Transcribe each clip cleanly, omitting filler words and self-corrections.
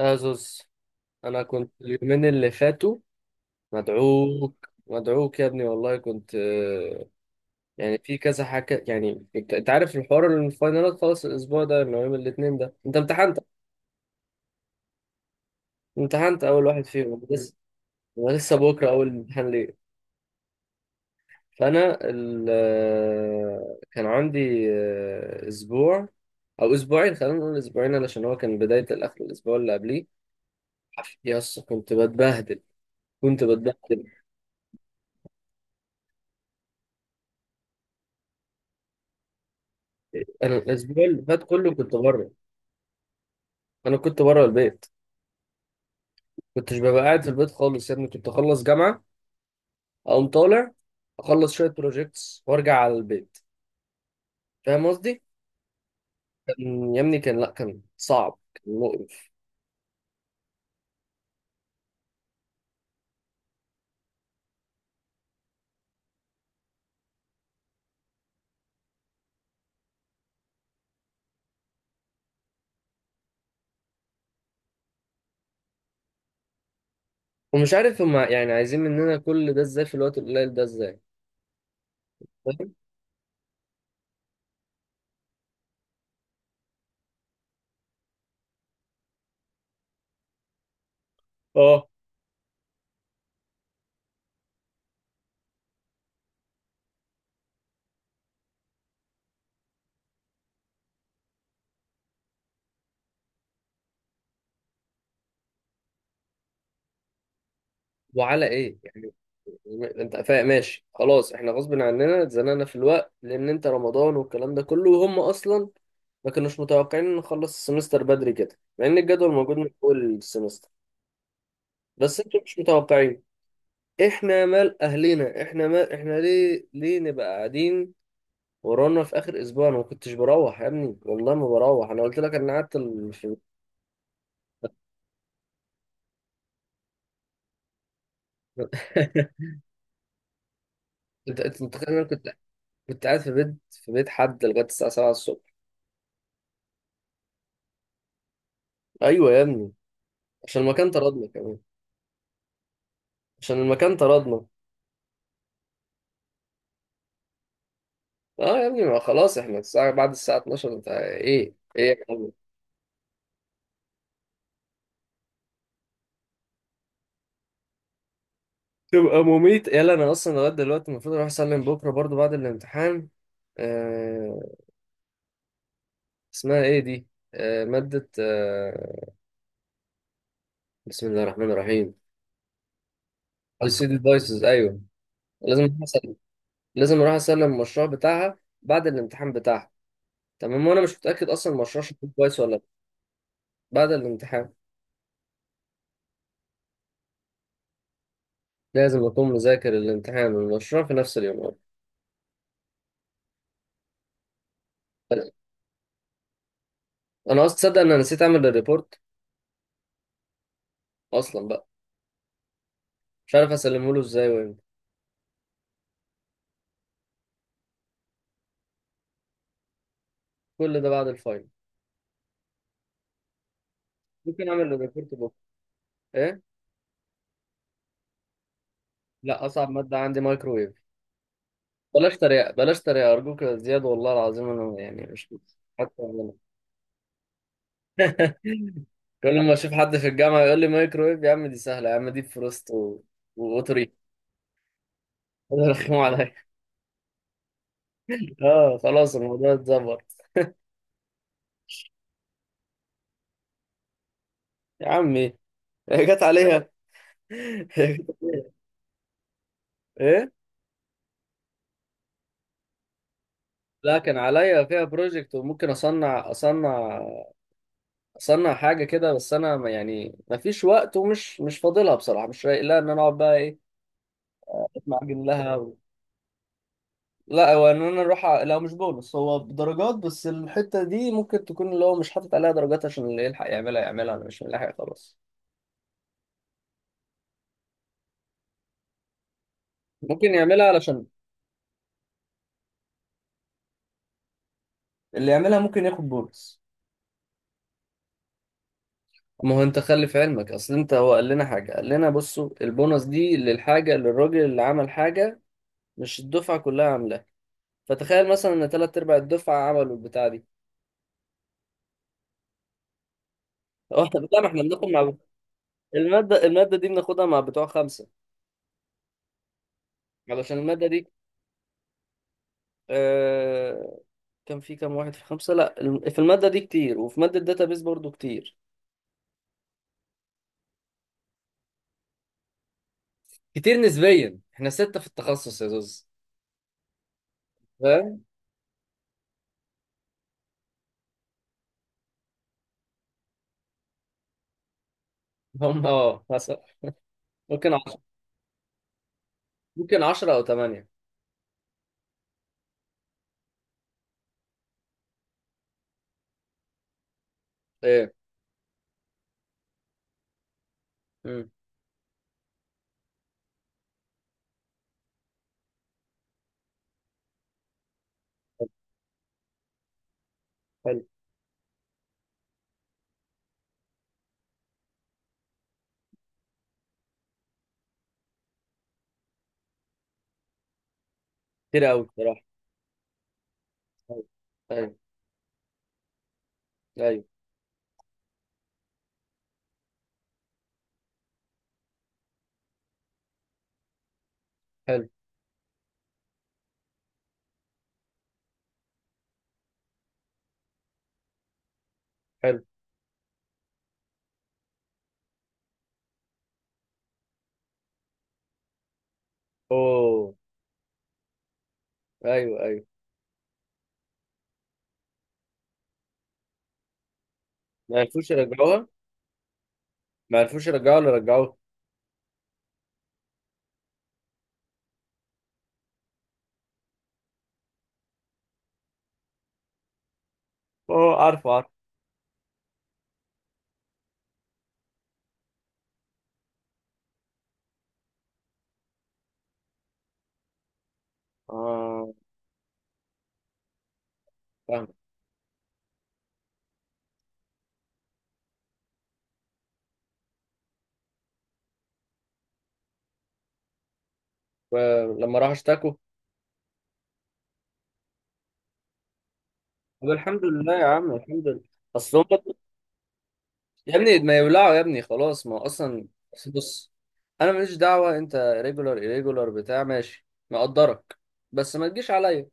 ازوس. انا كنت اليومين اللي فاتوا مدعوك مدعوك يا ابني، والله كنت يعني في كذا حاجه. يعني انت عارف الحوار، الفاينالات خلاص الاسبوع ده اللي هو يوم الاثنين ده. انت امتحنت اول واحد فيهم لسه، ولسه بكره اول امتحان ليه. فانا ال... آه، كان عندي اسبوع او اسبوعين، خلينا نقول اسبوعين، علشان هو كان بدايه الاخر الاسبوع اللي قبليه. يس كنت بتبهدل، كنت بتبهدل. انا الاسبوع اللي فات كله كنت بره، انا كنت بره البيت. كنتش ببقى قاعد في البيت خالص يا ابني. كنت اخلص جامعه اقوم طالع، اخلص شويه بروجيكتس وارجع على البيت. فاهم قصدي؟ كان يا ابني كان، لا كان صعب، كان مقرف. ومش عارف هما يعني عايزين مننا كل ده ازاي في الوقت القليل ده ازاي. فاهم؟ اه وعلى ايه يعني. انت فاهم، ماشي خلاص، احنا غصب عننا اتزنقنا في الوقت لان انت رمضان والكلام ده كله، وهم اصلا ما كانوش متوقعين ان نخلص السمستر بدري كده، مع ان الجدول موجود من اول السمستر. بس انتوا مش متوقعين. احنا مال اهلنا، احنا مال، احنا ليه نبقى قاعدين ورانا في اخر اسبوع؟ انا ما كنتش بروح يا ابني، والله ما بروح. انا قلت لك انا قعدت انت متخيل إن انا كنت قاعد في بيت حد لغايه الساعه 7 الصبح. ايوه يا ابني، عشان المكان طردنا كمان. عشان المكان طردنا. اه يا ابني، ما خلاص احنا الساعه بعد الساعه 12. انت ايه يا ابني؟ تبقى مميت. يلا انا اصلا لغايه دلوقتي المفروض اروح اسلم بكره برضو بعد الامتحان. آه، اسمها ايه دي؟ مادة، بسم الله الرحمن الرحيم. السيديدايسز ايوه. لازم اروح اسلم، لازم اروح اسلم المشروع بتاعها بعد الامتحان بتاعها. تمام؟ وانا مش متأكد اصلا المشروع شكله كويس ولا لا. بعد الامتحان لازم اكون مذاكر الامتحان والمشروع في نفس اليوم. طيب، انا اصلا تصدق ان انا نسيت اعمل الريبورت. اصلا بقى مش عارف اسلمه له ازاي وامتى. كل ده بعد الفاينل. ممكن اعمل الريبورت بكره. ايه؟ لا، اصعب مادة عندي مايكرويف. بلاش تريقة، بلاش تريقة أرجوك يا زياد. والله العظيم أنا يعني مش، حتى أنا. كل ما أشوف حد في الجامعة يقول لي مايكرويف يا عم دي سهلة، يا عم دي فروست وأوتوري. رخموا عليا. خلاص الموضوع اتظبط. يا عمي هي جت عليها. إيه؟ لا، كان عليا فيها بروجكت. وممكن أصنع حاجة كده. بس أنا يعني ما فيش وقت، ومش مش فاضلها بصراحة، مش رايق لها إن أنا أقعد بقى إيه، أتمعجن لها. لا هو ان انا لا مش بونص، هو بدرجات. بس الحته دي ممكن تكون اللي هو مش حاطط عليها درجات، عشان اللي يلحق يعملها يعملها. انا مش ملاحق خلاص. ممكن يعملها علشان اللي يعملها ممكن ياخد بونص. ما هو انت خلي في علمك، اصل انت هو قال لنا حاجه، قال لنا بصوا البونص دي للحاجه للراجل اللي عمل حاجه، مش الدفعه كلها عاملاها. فتخيل مثلا ان ثلاث ارباع الدفعه عملوا البتاع دي. هو احنا لا، ما احنا بناخد مع الماده دي. بناخدها مع بتوع خمسه، علشان الماده دي آه، كان في كام واحد في خمسة. لا، في المادة دي كتير، وفي مادة داتابيز برضو كتير. كتير نسبيا، احنا ستة في التخصص يا زوز. فاهم. هم اه مثلا ممكن عشرة، ممكن عشرة أو تمانية. ايه. امم. حلو. كتير أوي بصراحة. أيوه، أيوه، أيوه. حلو. حلو. أوه. أيوه، أيوه. ما عرفوش يرجعوها، ما عرفوش يرجعوها ولا رجعوها. أوه، عارفه عارفه. آه، فاهم. ولما راحوا اشتكوا. طب الحمد لله يا عم، الحمد لله. أصل هم، يا ابني ما يولعوا، يا ابني خلاص. ما هو اصلا بس بص، انا ماليش دعوه. انت ريجولار irregular بتاع، ماشي مقدرك، بس ما تجيش عليا.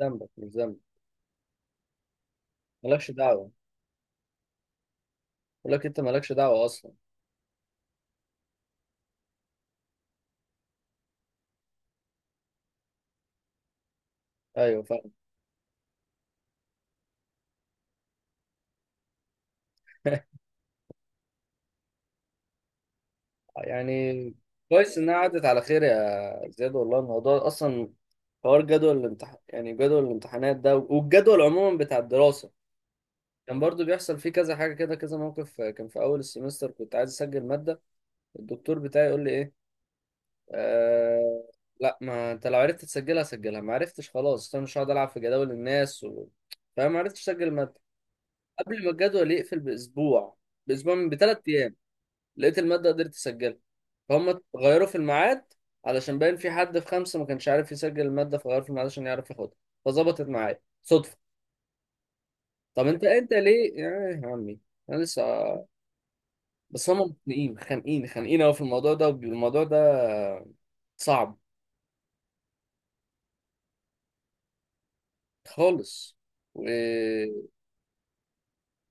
ذنبك مش ذنبك، مالكش دعوه. بقول لك انت مالكش دعوه اصلا. ايوه فاهم. يعني كويس انها عدت على خير يا زياد. والله الموضوع اصلا، حوار جدول الامتحان، يعني جدول الامتحانات ده والجدول عموما بتاع الدراسه، كان برضو بيحصل فيه كذا حاجه كده، كذا موقف. كان في اول السمستر كنت عايز اسجل ماده، الدكتور بتاعي يقول لي ايه؟ أه، لا، ما انت لو عرفت تسجلها سجلها، ما عرفتش خلاص انا مش هقعد العب في جداول الناس فما عرفتش اسجل الماده. قبل ما الجدول يقفل باسبوع من بثلاث ايام لقيت الماده قدرت اسجلها. فهم غيروا في الميعاد، علشان باين في حد في خمسه ما كانش عارف يسجل الماده، فغيروا في الميعاد عشان يعرف ياخدها. فظبطت معايا صدفه. طب انت ليه يا عمي، انا لسه، بس هم مخانقين خانقين قوي في الموضوع ده والموضوع ده صعب خالص. و...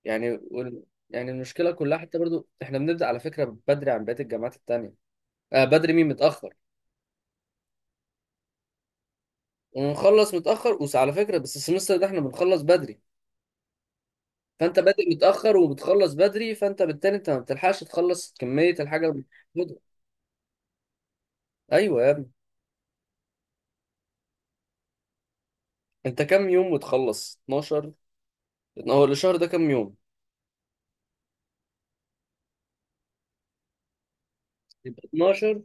يعني وال... يعني المشكله كلها، حتى برضو احنا بنبدا على فكره بدري عن بقيه الجامعات التانيه. آه بدري. مين متاخر؟ ونخلص متاخر. وعلى فكره بس السمستر ده احنا بنخلص بدري. فانت بادئ متاخر وبتخلص بدري، فانت بالتالي انت ما بتلحقش تخلص كميه الحاجه اللي بتاخدها. ايوه يا ابني. انت كام يوم وتخلص؟ 12. هو الشهر ده كام يوم؟ يبقى 12.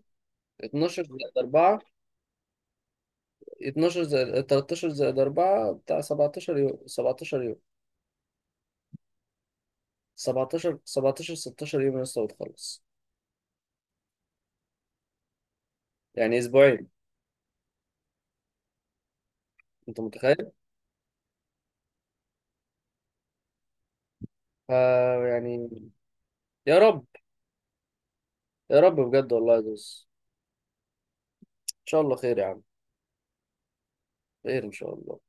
12 زائد 4، 12 زائد 13 زائد 4 بتاع 17 يوم، 17 يوم. 17، 17، 16 يوم لسه وتخلص. يعني اسبوعين. انت متخيل؟ ف يعني. يا رب، يا رب بجد والله يا زوز. ان شاء الله خير يا عم. خير ان شاء الله.